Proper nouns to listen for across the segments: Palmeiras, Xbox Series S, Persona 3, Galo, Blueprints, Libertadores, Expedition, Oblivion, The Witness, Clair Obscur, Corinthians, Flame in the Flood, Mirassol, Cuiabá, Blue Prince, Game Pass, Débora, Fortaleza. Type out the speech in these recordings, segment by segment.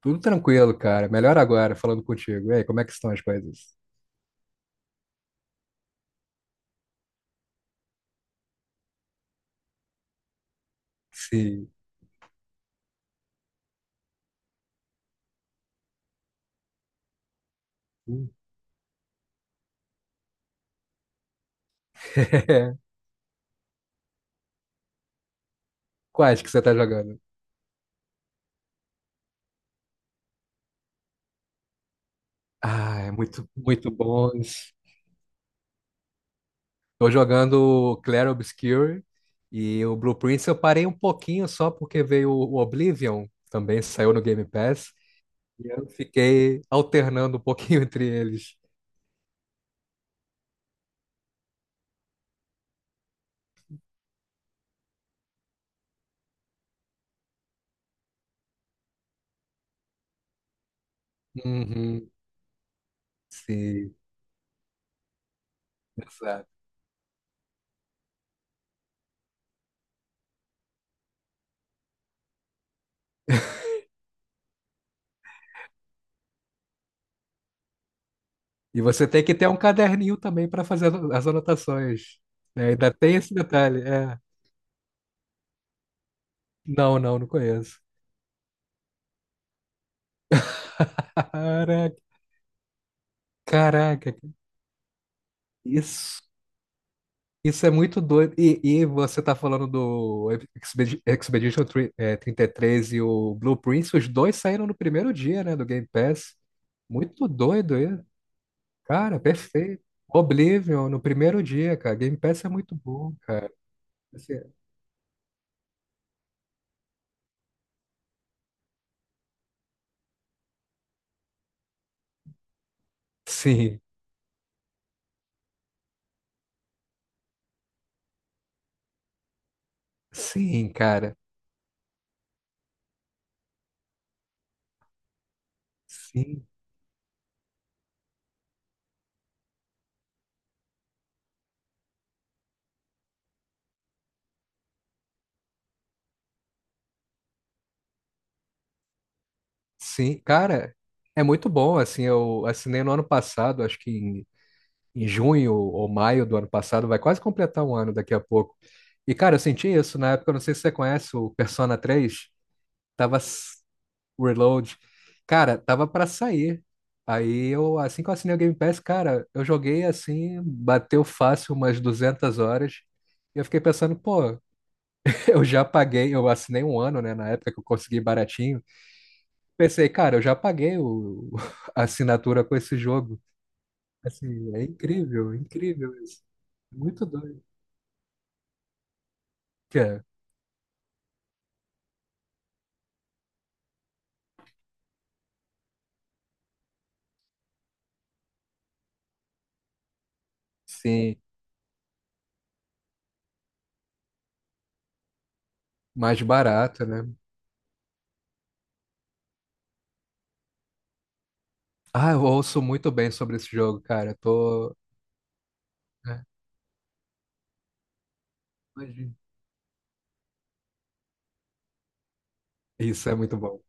Tudo tranquilo, cara. Melhor agora, falando contigo. E aí, como é que estão as coisas? Sim. Quais que você tá jogando? Ah, é muito, muito bons. Tô jogando o Clair Obscur e o Blueprints eu parei um pouquinho só porque veio o Oblivion, também saiu no Game Pass, e eu fiquei alternando um pouquinho entre eles. Uhum, sim, exato. E você tem que ter um caderninho também para fazer as anotações, né? Ainda tem esse detalhe. É. Não, não, não conheço. Caraca, caraca, cara. isso, isso é muito doido. E você tá falando do Expedition 33 e três e o Blue Prince, os dois saíram no primeiro dia, né, do Game Pass. Muito doido aí. Cara, perfeito. Oblivion no primeiro dia, cara. Game Pass é muito bom, cara. Assim, sim, sim, cara. Sim, sim. Cara, é muito bom, assim, eu assinei no ano passado, acho que em junho ou maio do ano passado, vai quase completar um ano daqui a pouco. E, cara, eu senti isso na época, eu não sei se você conhece o Persona 3, tava s- Reload. Cara, tava pra sair. Aí eu, assim que eu assinei o Game Pass, cara, eu joguei assim, bateu fácil umas 200 horas. E eu fiquei pensando, pô, eu já paguei, eu assinei um ano, né, na época que eu consegui baratinho. Pensei, cara, eu já paguei o, a assinatura com esse jogo. Assim, é incrível, incrível isso. Muito doido. Que é, sim, mais barato, né? Ah, eu ouço muito bem sobre esse jogo, cara. Eu tô. É, imagina. Isso é muito bom.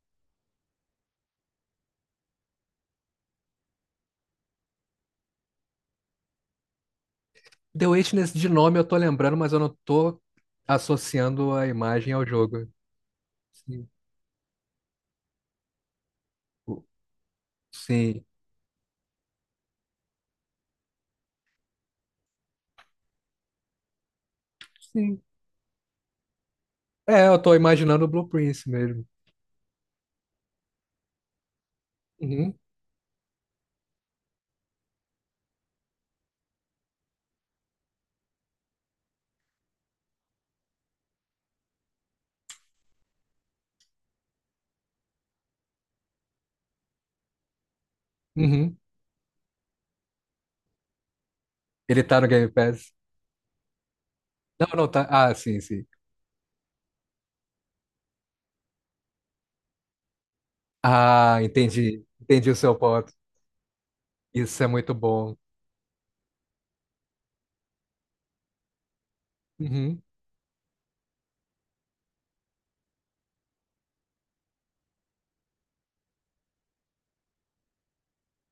The Witness de nome eu tô lembrando, mas eu não tô associando a imagem ao jogo. Sim. O- Sim. Sim. É, eu tô imaginando o Blue Prince mesmo. Uhum. Uhum. Ele tá no Game Pass. Não, não tá. Ah, sim, sim. Ah, entendi. Entendi o seu ponto. Isso é muito bom. Uhum.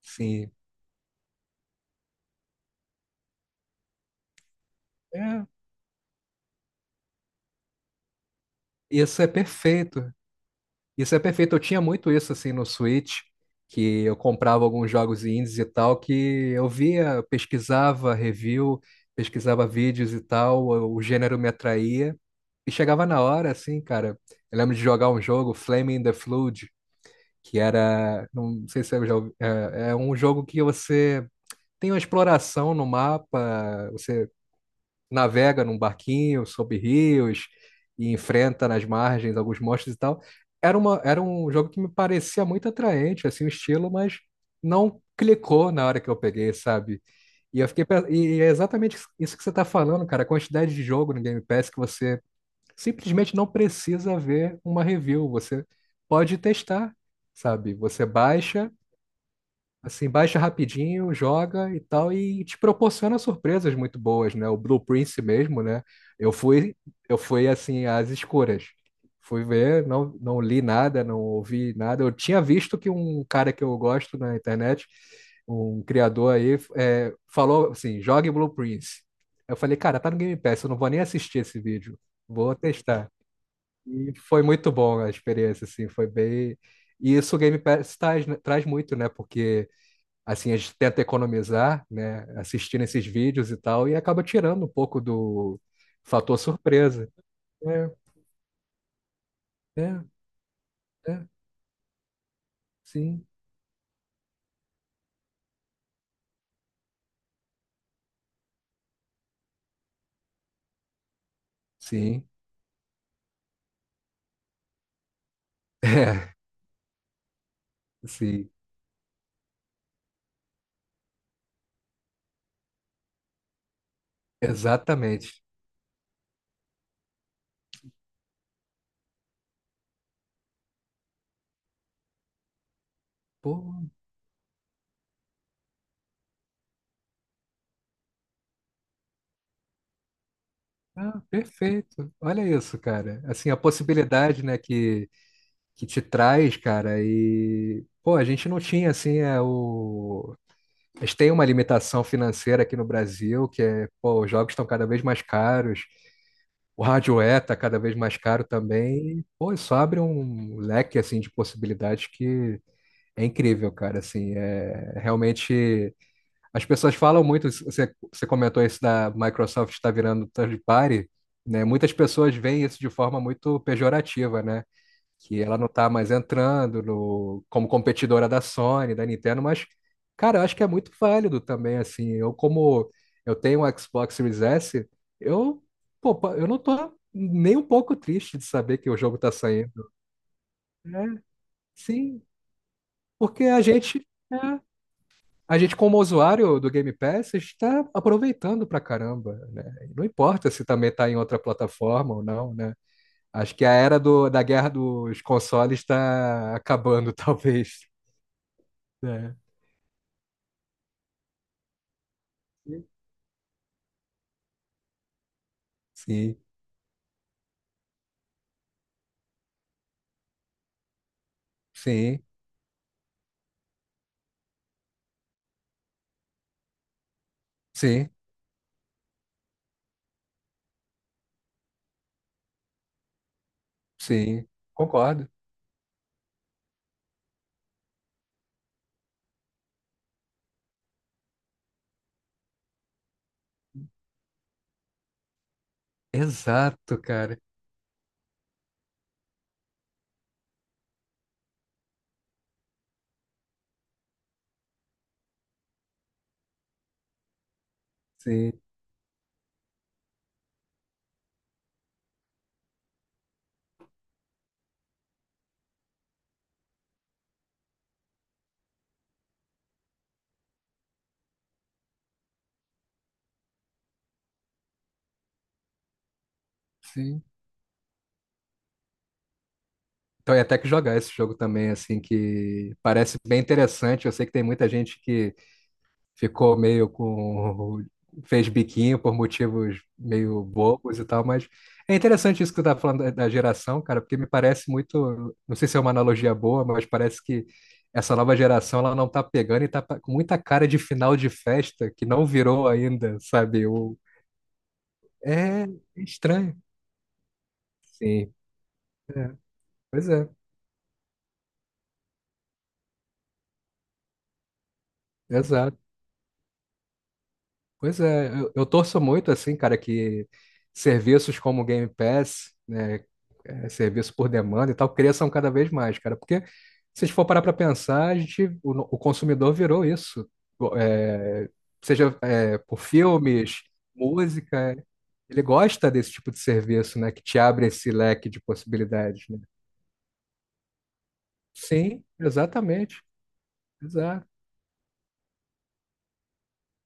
Sim. É. Isso é perfeito. Isso é perfeito. Eu tinha muito isso assim no Switch, que eu comprava alguns jogos indies e tal, que eu via, eu pesquisava review, pesquisava vídeos e tal, o gênero me atraía. E chegava na hora, assim, cara. Eu lembro de jogar um jogo, Flame in the Flood, que era. Não sei se eu já ouvi, é um jogo que você tem uma exploração no mapa, você navega num barquinho sob rios e enfrenta nas margens alguns monstros e tal. Era um jogo que me parecia muito atraente, assim, o estilo, mas não clicou na hora que eu peguei, sabe? E eu fiquei, e é exatamente isso que você tá falando, cara, a quantidade de jogo no Game Pass que você simplesmente não precisa ver uma review, você pode testar, sabe? Você baixa Assim, baixa rapidinho, joga e tal, e te proporciona surpresas muito boas, né? O Blue Prince mesmo, né? Eu fui, eu fui assim, às escuras. Fui ver, não, não li nada, não ouvi nada. Eu tinha visto que um cara que eu gosto na internet, um criador aí, falou assim, jogue Blue Prince. Eu falei, cara, tá no Game Pass, eu não vou nem assistir esse vídeo. Vou testar. E foi muito bom a experiência, assim, foi bem. E isso o Game Pass traz, né, traz muito, né? Porque assim, a gente tenta economizar, né, assistindo esses vídeos e tal, e acaba tirando um pouco do fator surpresa. É, é, é, sim, sim, é, sim, exatamente. Pô, ah, perfeito. Olha isso, cara. Assim, a possibilidade, né, que te traz, cara, e, pô, a gente não tinha, assim, é, o. A gente tem uma limitação financeira aqui no Brasil, que é, pô, os jogos estão cada vez mais caros. O hardware está cada vez mais caro também. E, pô, isso abre um leque assim de possibilidades que é incrível, cara. Assim, é realmente as pessoas falam muito. Você comentou isso da Microsoft está virando third party, né? Muitas pessoas veem isso de forma muito pejorativa, né? Que ela não tá mais entrando no, como competidora da Sony, da Nintendo, mas, cara, eu acho que é muito válido também, assim, eu como eu tenho um Xbox Series S, eu, pô, eu não tô nem um pouco triste de saber que o jogo tá saindo, né? Sim, porque a gente como usuário do Game Pass está aproveitando pra caramba, né? Não importa se também tá em outra plataforma ou não, né? Acho que a era da guerra dos consoles está acabando, talvez. É. Sim, sim, sim, sim. Concordo. Exato, cara. Sim, sim. Então, ia até que jogar esse jogo também, assim, que parece bem interessante. Eu sei que tem muita gente que ficou meio com. Fez biquinho por motivos meio bobos e tal, mas é interessante isso que tu tá falando da geração, cara, porque me parece muito. Não sei se é uma analogia boa, mas parece que essa nova geração ela não tá pegando e tá com muita cara de final de festa que não virou ainda, sabe? É estranho. Sim. É. Pois é, exato. Pois é, eu torço muito, assim, cara, que serviços como o Game Pass, né? Serviço por demanda e tal, cresçam cada vez mais, cara. Porque se a gente for parar para pensar, a gente, o, no- o consumidor virou isso. é, Seja por filmes, música, ele gosta desse tipo de serviço, né? Que te abre esse leque de possibilidades, né? Sim, exatamente. Exato.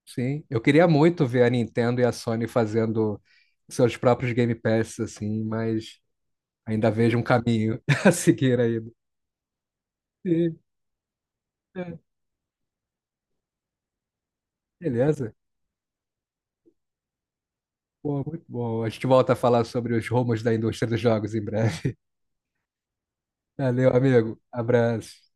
Sim. Eu queria muito ver a Nintendo e a Sony fazendo seus próprios Game Pass, assim, mas ainda vejo um caminho a seguir ainda. Sim, é, beleza. Pô, muito bom. A gente volta a falar sobre os rumos da indústria dos jogos em breve. Valeu, amigo. Abraço.